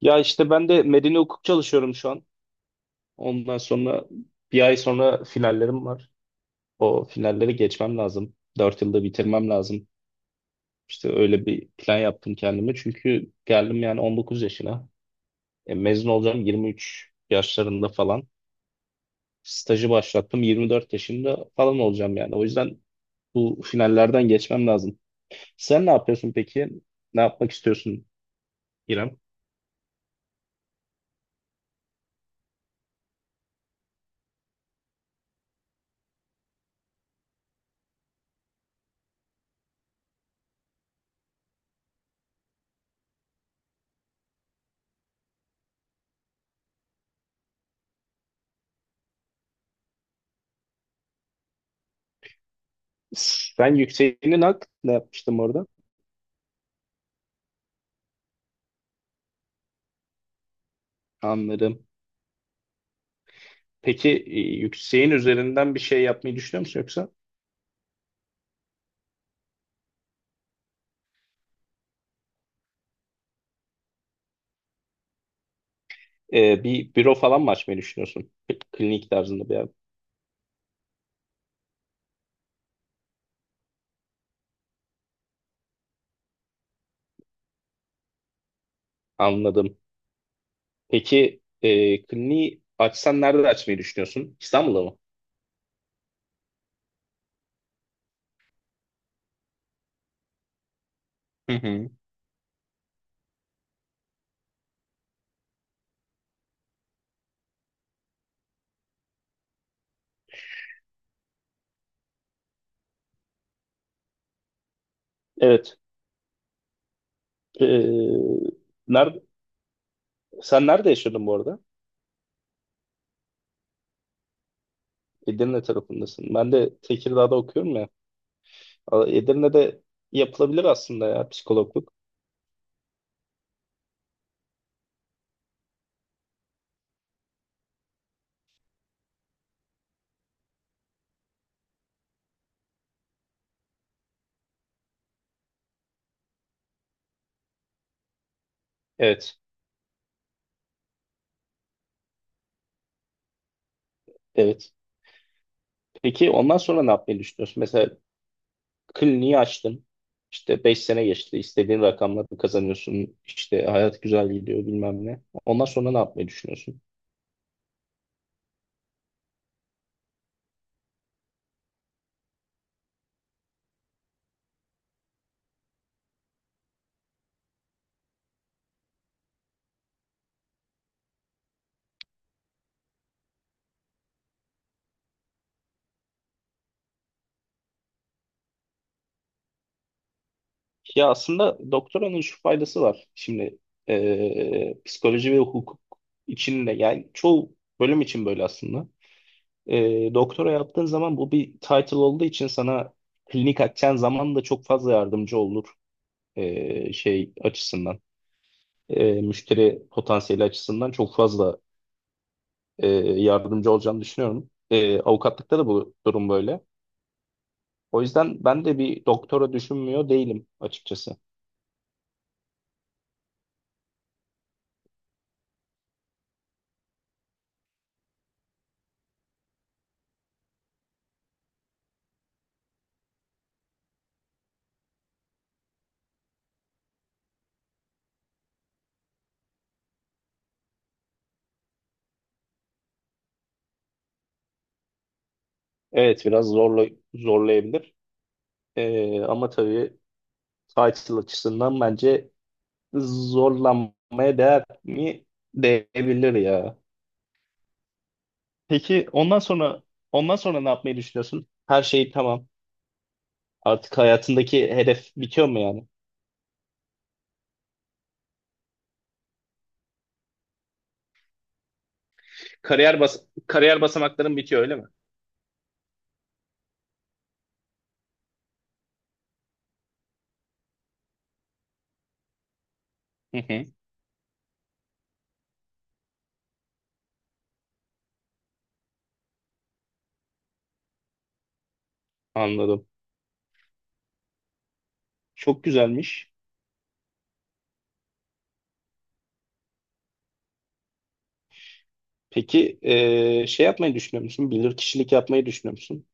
Ya işte ben de medeni hukuk çalışıyorum şu an. Ondan sonra bir ay sonra finallerim var. O finalleri geçmem lazım. 4 yılda bitirmem lazım. İşte öyle bir plan yaptım kendime. Çünkü geldim yani 19 yaşına. Mezun olacağım 23 yaşlarında falan. Stajı başlattım 24 yaşında falan olacağım yani. O yüzden bu finallerden geçmem lazım. Sen ne yapıyorsun peki? Ne yapmak istiyorsun İrem? Sen yükseğinin hak ne yapmıştım orada? Anladım. Peki yükseğin üzerinden bir şey yapmayı düşünüyor musun yoksa bir büro falan mı açmayı düşünüyorsun? Klinik tarzında bir yer. Anladım. Peki kliniği açsan nerede açmayı düşünüyorsun? İstanbul'da mı? Hı hı. Evet. E, nerede, sen nerede yaşıyordun bu arada? Edirne tarafındasın. Ben de Tekirdağ'da okuyorum ya. Edirne'de yapılabilir aslında ya psikologluk. Evet. Evet. Peki ondan sonra ne yapmayı düşünüyorsun? Mesela kliniği açtın. İşte 5 sene geçti. İstediğin rakamları kazanıyorsun. İşte hayat güzel gidiyor bilmem ne. Ondan sonra ne yapmayı düşünüyorsun? Ya aslında doktoranın şu faydası var. Şimdi psikoloji ve hukuk için de yani çoğu bölüm için böyle aslında. Doktora yaptığın zaman bu bir title olduğu için sana klinik açacağın zaman da çok fazla yardımcı olur. Şey açısından. Müşteri potansiyeli açısından çok fazla e, yardımcı olacağını düşünüyorum. Avukatlıkta da bu durum böyle. O yüzden ben de bir doktora düşünmüyor değilim açıkçası. Evet, biraz zorlayabilir. Ama tabii title açısından bence zorlanmaya değer mi? Değebilir ya. Peki ondan sonra ne yapmayı düşünüyorsun? Her şey tamam. Artık hayatındaki hedef bitiyor mu yani? Kariyer basamakların bitiyor öyle mi? Hı hı, anladım. Çok güzelmiş. Peki şey yapmayı düşünüyor musun? Bilir kişilik yapmayı düşünüyor musun?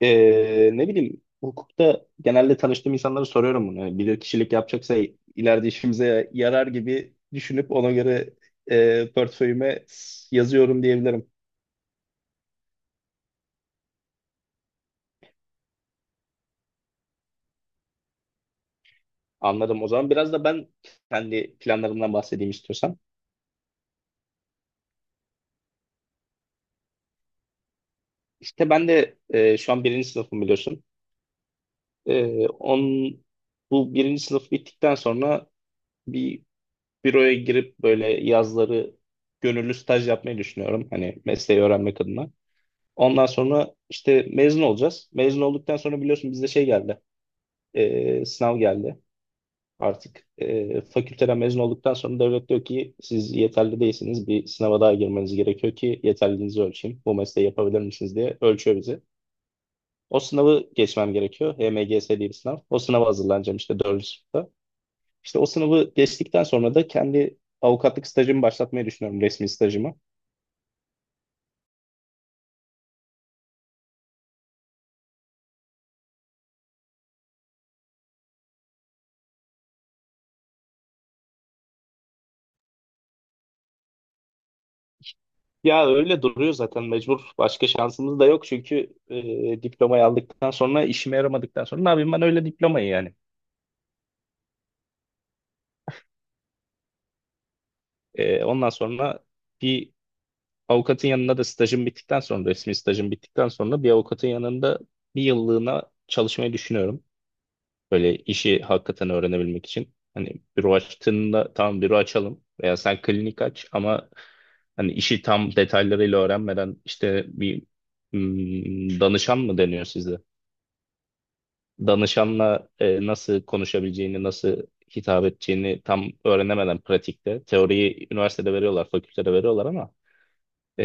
Ne bileyim, hukukta genelde tanıştığım insanlara soruyorum bunu. Bilir kişilik yapacaksa ileride işimize yarar gibi düşünüp ona göre portföyüme yazıyorum diyebilirim. Anladım. O zaman biraz da ben kendi planlarımdan bahsedeyim istiyorsan. İşte ben de şu an birinci sınıfım biliyorsun. Eee on, Bu birinci sınıf bittikten sonra bir büroya girip böyle yazları gönüllü staj yapmayı düşünüyorum. Hani mesleği öğrenmek adına. Ondan sonra işte mezun olacağız. Mezun olduktan sonra biliyorsun bizde şey geldi. Sınav geldi artık. Fakülteden mezun olduktan sonra devlet diyor ki siz yeterli değilsiniz. Bir sınava daha girmeniz gerekiyor ki yeterliliğinizi ölçeyim. Bu mesleği yapabilir misiniz diye ölçüyor bizi. O sınavı geçmem gerekiyor. HMGS diye bir sınav. O sınava hazırlanacağım işte 4. İşte o sınavı geçtikten sonra da kendi avukatlık stajımı başlatmayı düşünüyorum, resmi stajımı. Ya öyle duruyor zaten, mecbur. Başka şansımız da yok çünkü diplomayı aldıktan sonra işime yaramadıktan sonra ne yapayım ben öyle diplomayı yani. Ondan sonra bir avukatın yanında da stajım bittikten sonra, resmi stajım bittikten sonra bir avukatın yanında bir yıllığına çalışmayı düşünüyorum. Böyle işi hakikaten öğrenebilmek için. Hani büro açtığında tamam büro açalım veya sen klinik aç ama hani işi tam detaylarıyla öğrenmeden işte bir danışan mı deniyor size? Danışanla nasıl konuşabileceğini, nasıl hitap edeceğini tam öğrenemeden pratikte. Teoriyi üniversitede veriyorlar, fakültede veriyorlar ama e,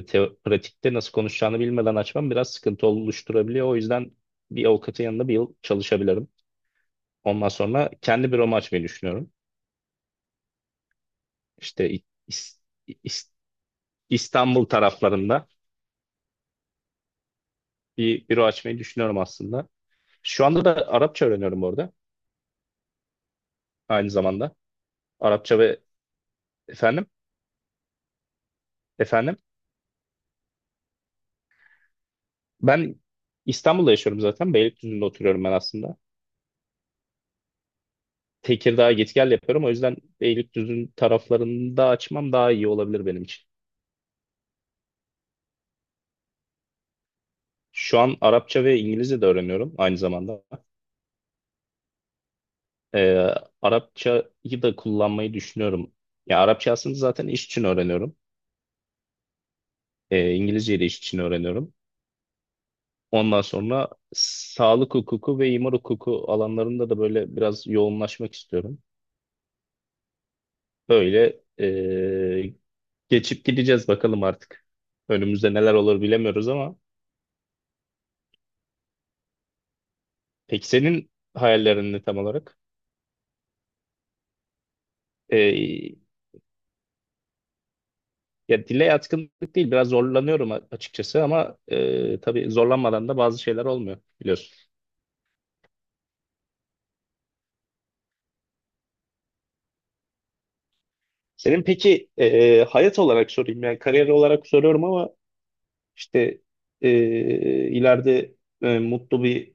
teo- pratikte nasıl konuşacağını bilmeden açmam biraz sıkıntı oluşturabiliyor. O yüzden bir avukatın yanında bir yıl çalışabilirim. Ondan sonra kendi bir açmayı düşünüyorum. İşte İs- İstanbul taraflarında bir büro açmayı düşünüyorum aslında. Şu anda da Arapça öğreniyorum orada aynı zamanda. Arapça ve Efendim? Efendim? Ben İstanbul'da yaşıyorum zaten. Beylikdüzü'nde oturuyorum ben aslında. Tekirdağ'a git gel yapıyorum. O yüzden Beylikdüzü'nün taraflarında açmam daha iyi olabilir benim için. Şu an Arapça ve İngilizce de öğreniyorum aynı zamanda. Ee, Arapçayı da kullanmayı düşünüyorum. Ya Arapça aslında zaten iş için öğreniyorum. İngilizceyi de iş için öğreniyorum. Ondan sonra sağlık hukuku ve imar hukuku alanlarında da böyle biraz yoğunlaşmak istiyorum. Böyle geçip gideceğiz bakalım artık. Önümüzde neler olur bilemiyoruz ama. Peki senin hayallerin ne tam olarak? Ee, Ya dile yatkınlık değil, biraz zorlanıyorum açıkçası, ama tabii zorlanmadan da bazı şeyler olmuyor biliyorsun. Senin peki hayat olarak sorayım, yani kariyer olarak soruyorum ama işte e, ileride e, mutlu bir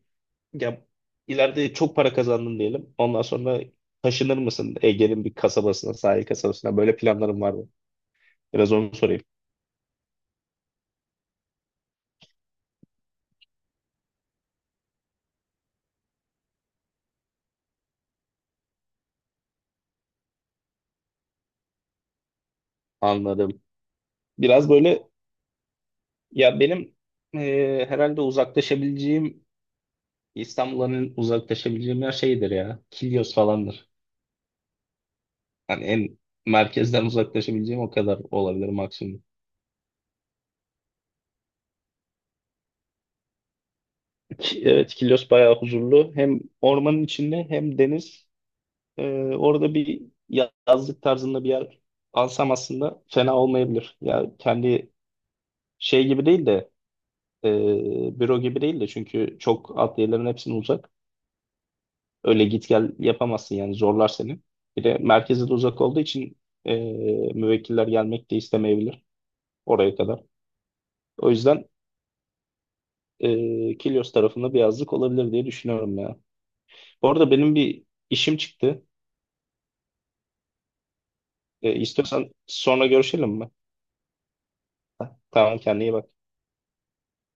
ya ileride çok para kazandın diyelim. Ondan sonra taşınır mısın Ege'nin bir kasabasına, sahil kasabasına? Böyle planların var mı? Biraz onu sorayım. Anladım. Biraz böyle ya benim herhalde uzaklaşabileceğim, İstanbul'un uzaklaşabileceğim yer şeydir ya. Kilyos falandır. Hani en merkezden uzaklaşabileceğim o kadar olabilir maksimum. Evet, Kilyos bayağı huzurlu. Hem ormanın içinde hem deniz. Ee, Orada bir yazlık tarzında bir yer alsam aslında fena olmayabilir. Ya kendi şey gibi değil de büro gibi değil de, çünkü çok adliyelerin hepsine uzak. Öyle git gel yapamazsın yani, zorlar seni. Bir de merkeze de uzak olduğu için e, müvekkiller gelmek de istemeyebilir oraya kadar. O yüzden Kilyos tarafında bir yazlık olabilir diye düşünüyorum ya. Bu arada benim bir işim çıktı. İstiyorsan sonra görüşelim mi? Ha, tamam, kendine iyi bak.